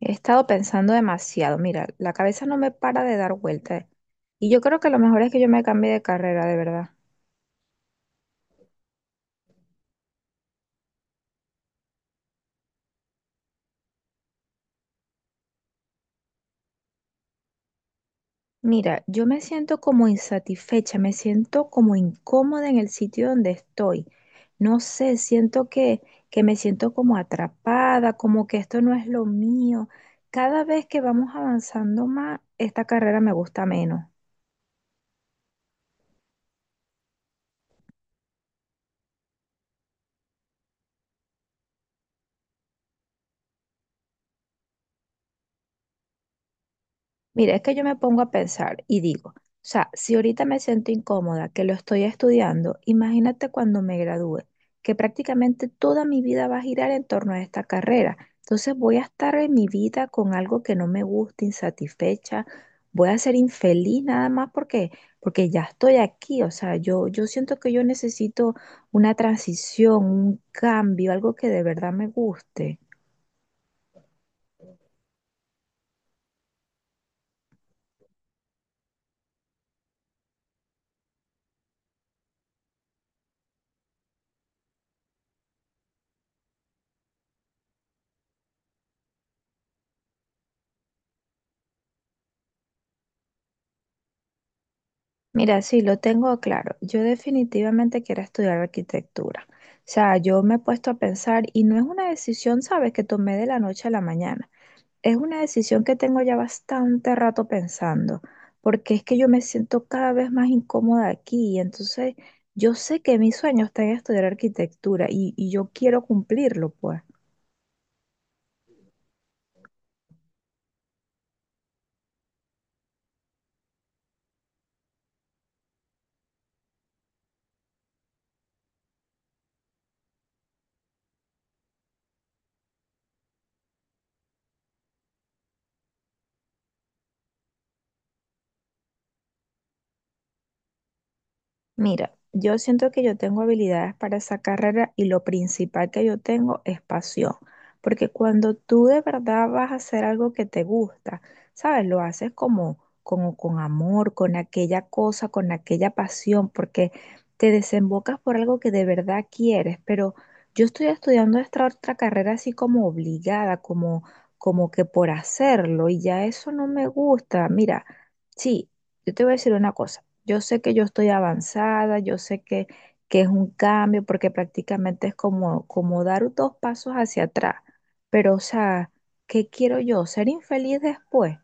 He estado pensando demasiado. Mira, la cabeza no me para de dar vueltas. Y yo creo que lo mejor es que yo me cambie de carrera, de verdad. Mira, yo me siento como insatisfecha, me siento como incómoda en el sitio donde estoy. No sé, siento que me siento como atrapada, como que esto no es lo mío. Cada vez que vamos avanzando más, esta carrera me gusta menos. Mira, es que yo me pongo a pensar y digo, o sea, si ahorita me siento incómoda que lo estoy estudiando, imagínate cuando me gradúe, que prácticamente toda mi vida va a girar en torno a esta carrera. Entonces voy a estar en mi vida con algo que no me gusta, insatisfecha, voy a ser infeliz nada más porque ya estoy aquí. O sea, yo siento que yo necesito una transición, un cambio, algo que de verdad me guste. Mira, sí, lo tengo claro. Yo definitivamente quiero estudiar arquitectura. O sea, yo me he puesto a pensar y no es una decisión, sabes, que tomé de la noche a la mañana. Es una decisión que tengo ya bastante rato pensando, porque es que yo me siento cada vez más incómoda aquí y entonces yo sé que mi sueño está en estudiar arquitectura y yo quiero cumplirlo, pues. Mira, yo siento que yo tengo habilidades para esa carrera y lo principal que yo tengo es pasión, porque cuando tú de verdad vas a hacer algo que te gusta, ¿sabes? Lo haces como, como con amor, con aquella cosa, con aquella pasión, porque te desembocas por algo que de verdad quieres, pero yo estoy estudiando esta otra carrera así como obligada, como, como que por hacerlo y ya eso no me gusta. Mira, sí, yo te voy a decir una cosa. Yo sé que yo estoy avanzada, yo sé que es un cambio, porque prácticamente es como, como dar dos pasos hacia atrás. Pero, o sea, ¿qué quiero yo? ¿Ser infeliz después?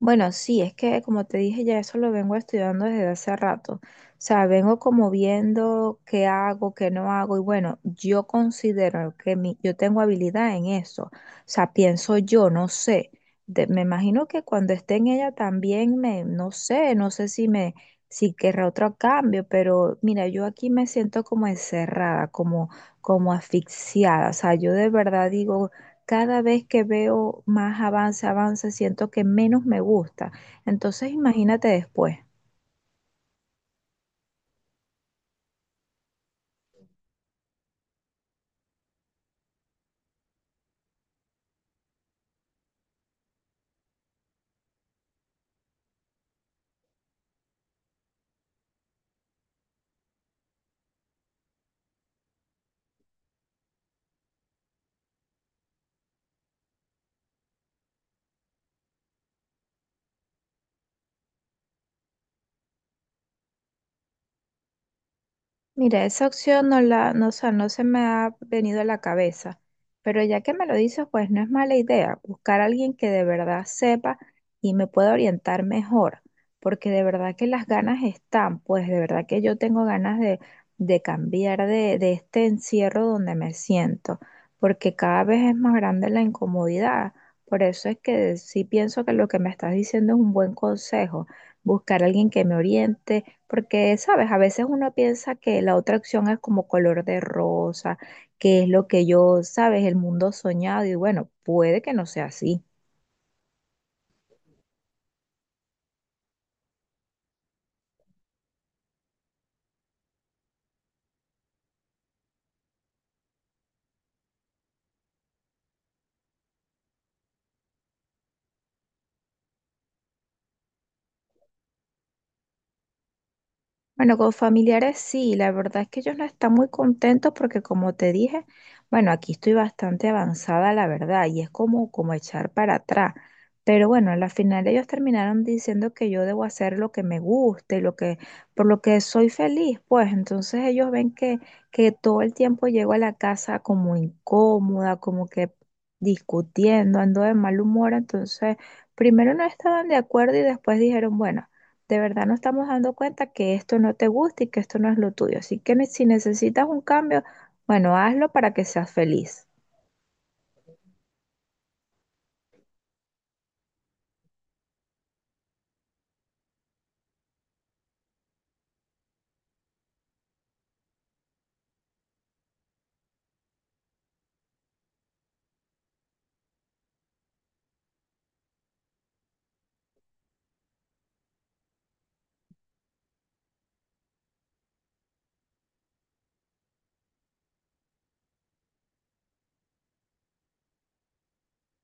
Bueno, sí, es que como te dije, ya eso lo vengo estudiando desde hace rato. O sea, vengo como viendo qué hago, qué no hago. Y bueno, yo considero que mi, yo tengo habilidad en eso. O sea, pienso yo, no sé. Me imagino que cuando esté en ella también me, no sé, no sé si si querrá otro cambio, pero mira, yo aquí me siento como encerrada, como, como asfixiada. O sea, yo de verdad digo, cada vez que veo más avance, avance, siento que menos me gusta. Entonces, imagínate después. Mira, esa opción no la, no, o sea, no se me ha venido a la cabeza, pero ya que me lo dices, pues no es mala idea buscar a alguien que de verdad sepa y me pueda orientar mejor, porque de verdad que las ganas están, pues de verdad que yo tengo ganas de cambiar de este encierro donde me siento, porque cada vez es más grande la incomodidad. Por eso es que sí pienso que lo que me estás diciendo es un buen consejo, buscar a alguien que me oriente porque, sabes, a veces uno piensa que la otra opción es como color de rosa, que es lo que yo, sabes, el mundo soñado, y bueno, puede que no sea así. Bueno, con familiares sí, la verdad es que ellos no están muy contentos porque como te dije, bueno, aquí estoy bastante avanzada, la verdad, y es como, como echar para atrás. Pero bueno, a la final ellos terminaron diciendo que yo debo hacer lo que me guste, lo que, por lo que soy feliz, pues entonces ellos ven que todo el tiempo llego a la casa como incómoda, como que discutiendo, ando de mal humor, entonces primero no estaban de acuerdo y después dijeron, bueno, de verdad nos estamos dando cuenta que esto no te gusta y que esto no es lo tuyo. Así que si necesitas un cambio, bueno, hazlo para que seas feliz.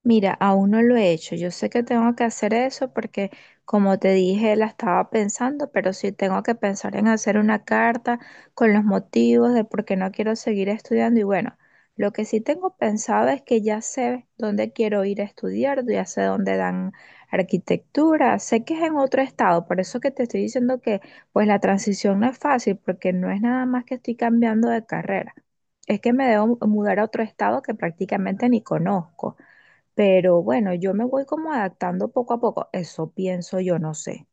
Mira, aún no lo he hecho. Yo sé que tengo que hacer eso porque, como te dije, la estaba pensando, pero sí tengo que pensar en hacer una carta con los motivos de por qué no quiero seguir estudiando. Y bueno, lo que sí tengo pensado es que ya sé dónde quiero ir a estudiar, ya sé dónde dan arquitectura, sé que es en otro estado, por eso que te estoy diciendo que pues la transición no es fácil porque no es nada más que estoy cambiando de carrera. Es que me debo mudar a otro estado que prácticamente ni conozco. Pero bueno, yo me voy como adaptando poco a poco. Eso pienso yo, no sé.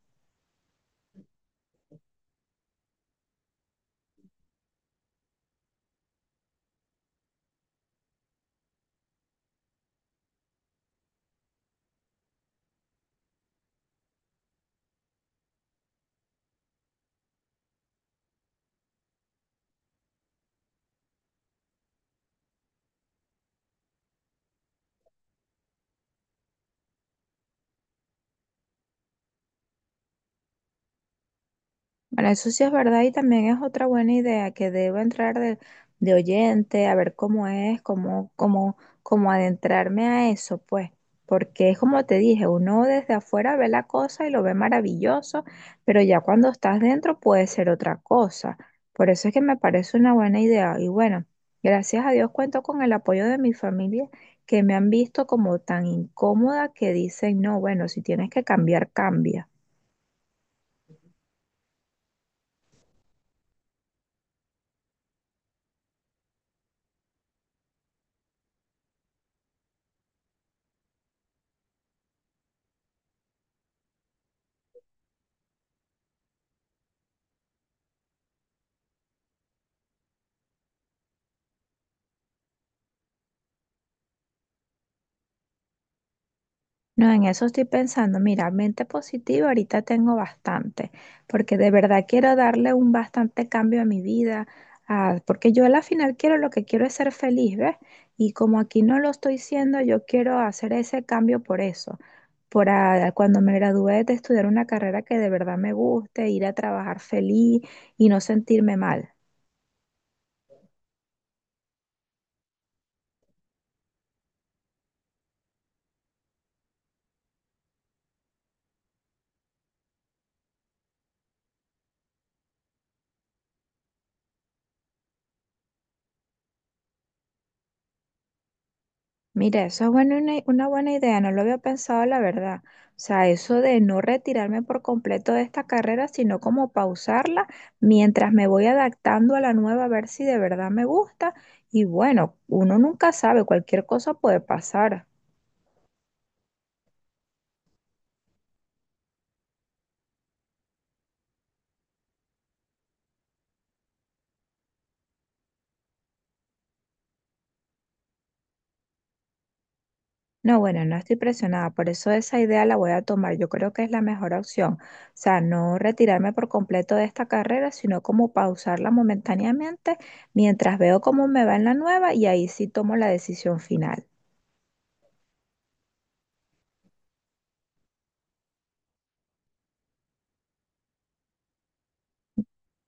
Bueno, eso sí es verdad y también es otra buena idea que debo entrar de oyente a ver cómo es, cómo, cómo, cómo adentrarme a eso, pues, porque es como te dije, uno desde afuera ve la cosa y lo ve maravilloso, pero ya cuando estás dentro puede ser otra cosa. Por eso es que me parece una buena idea y bueno, gracias a Dios cuento con el apoyo de mi familia que me han visto como tan incómoda que dicen, no, bueno, si tienes que cambiar, cambia. No, en eso estoy pensando. Mira, mente positiva, ahorita tengo bastante, porque de verdad quiero darle un bastante cambio a mi vida, ah, porque yo a la final quiero lo que quiero es ser feliz, ¿ves? Y como aquí no lo estoy siendo, yo quiero hacer ese cambio por eso, por ah, cuando me gradúe de estudiar una carrera que de verdad me guste, ir a trabajar feliz y no sentirme mal. Mira, eso es buena una buena idea, no lo había pensado, la verdad. O sea, eso de no retirarme por completo de esta carrera, sino como pausarla mientras me voy adaptando a la nueva, a ver si de verdad me gusta. Y bueno, uno nunca sabe, cualquier cosa puede pasar. No, bueno, no estoy presionada, por eso esa idea la voy a tomar. Yo creo que es la mejor opción. O sea, no retirarme por completo de esta carrera, sino como pausarla momentáneamente mientras veo cómo me va en la nueva y ahí sí tomo la decisión final.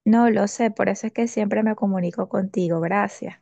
No lo sé, por eso es que siempre me comunico contigo. Gracias.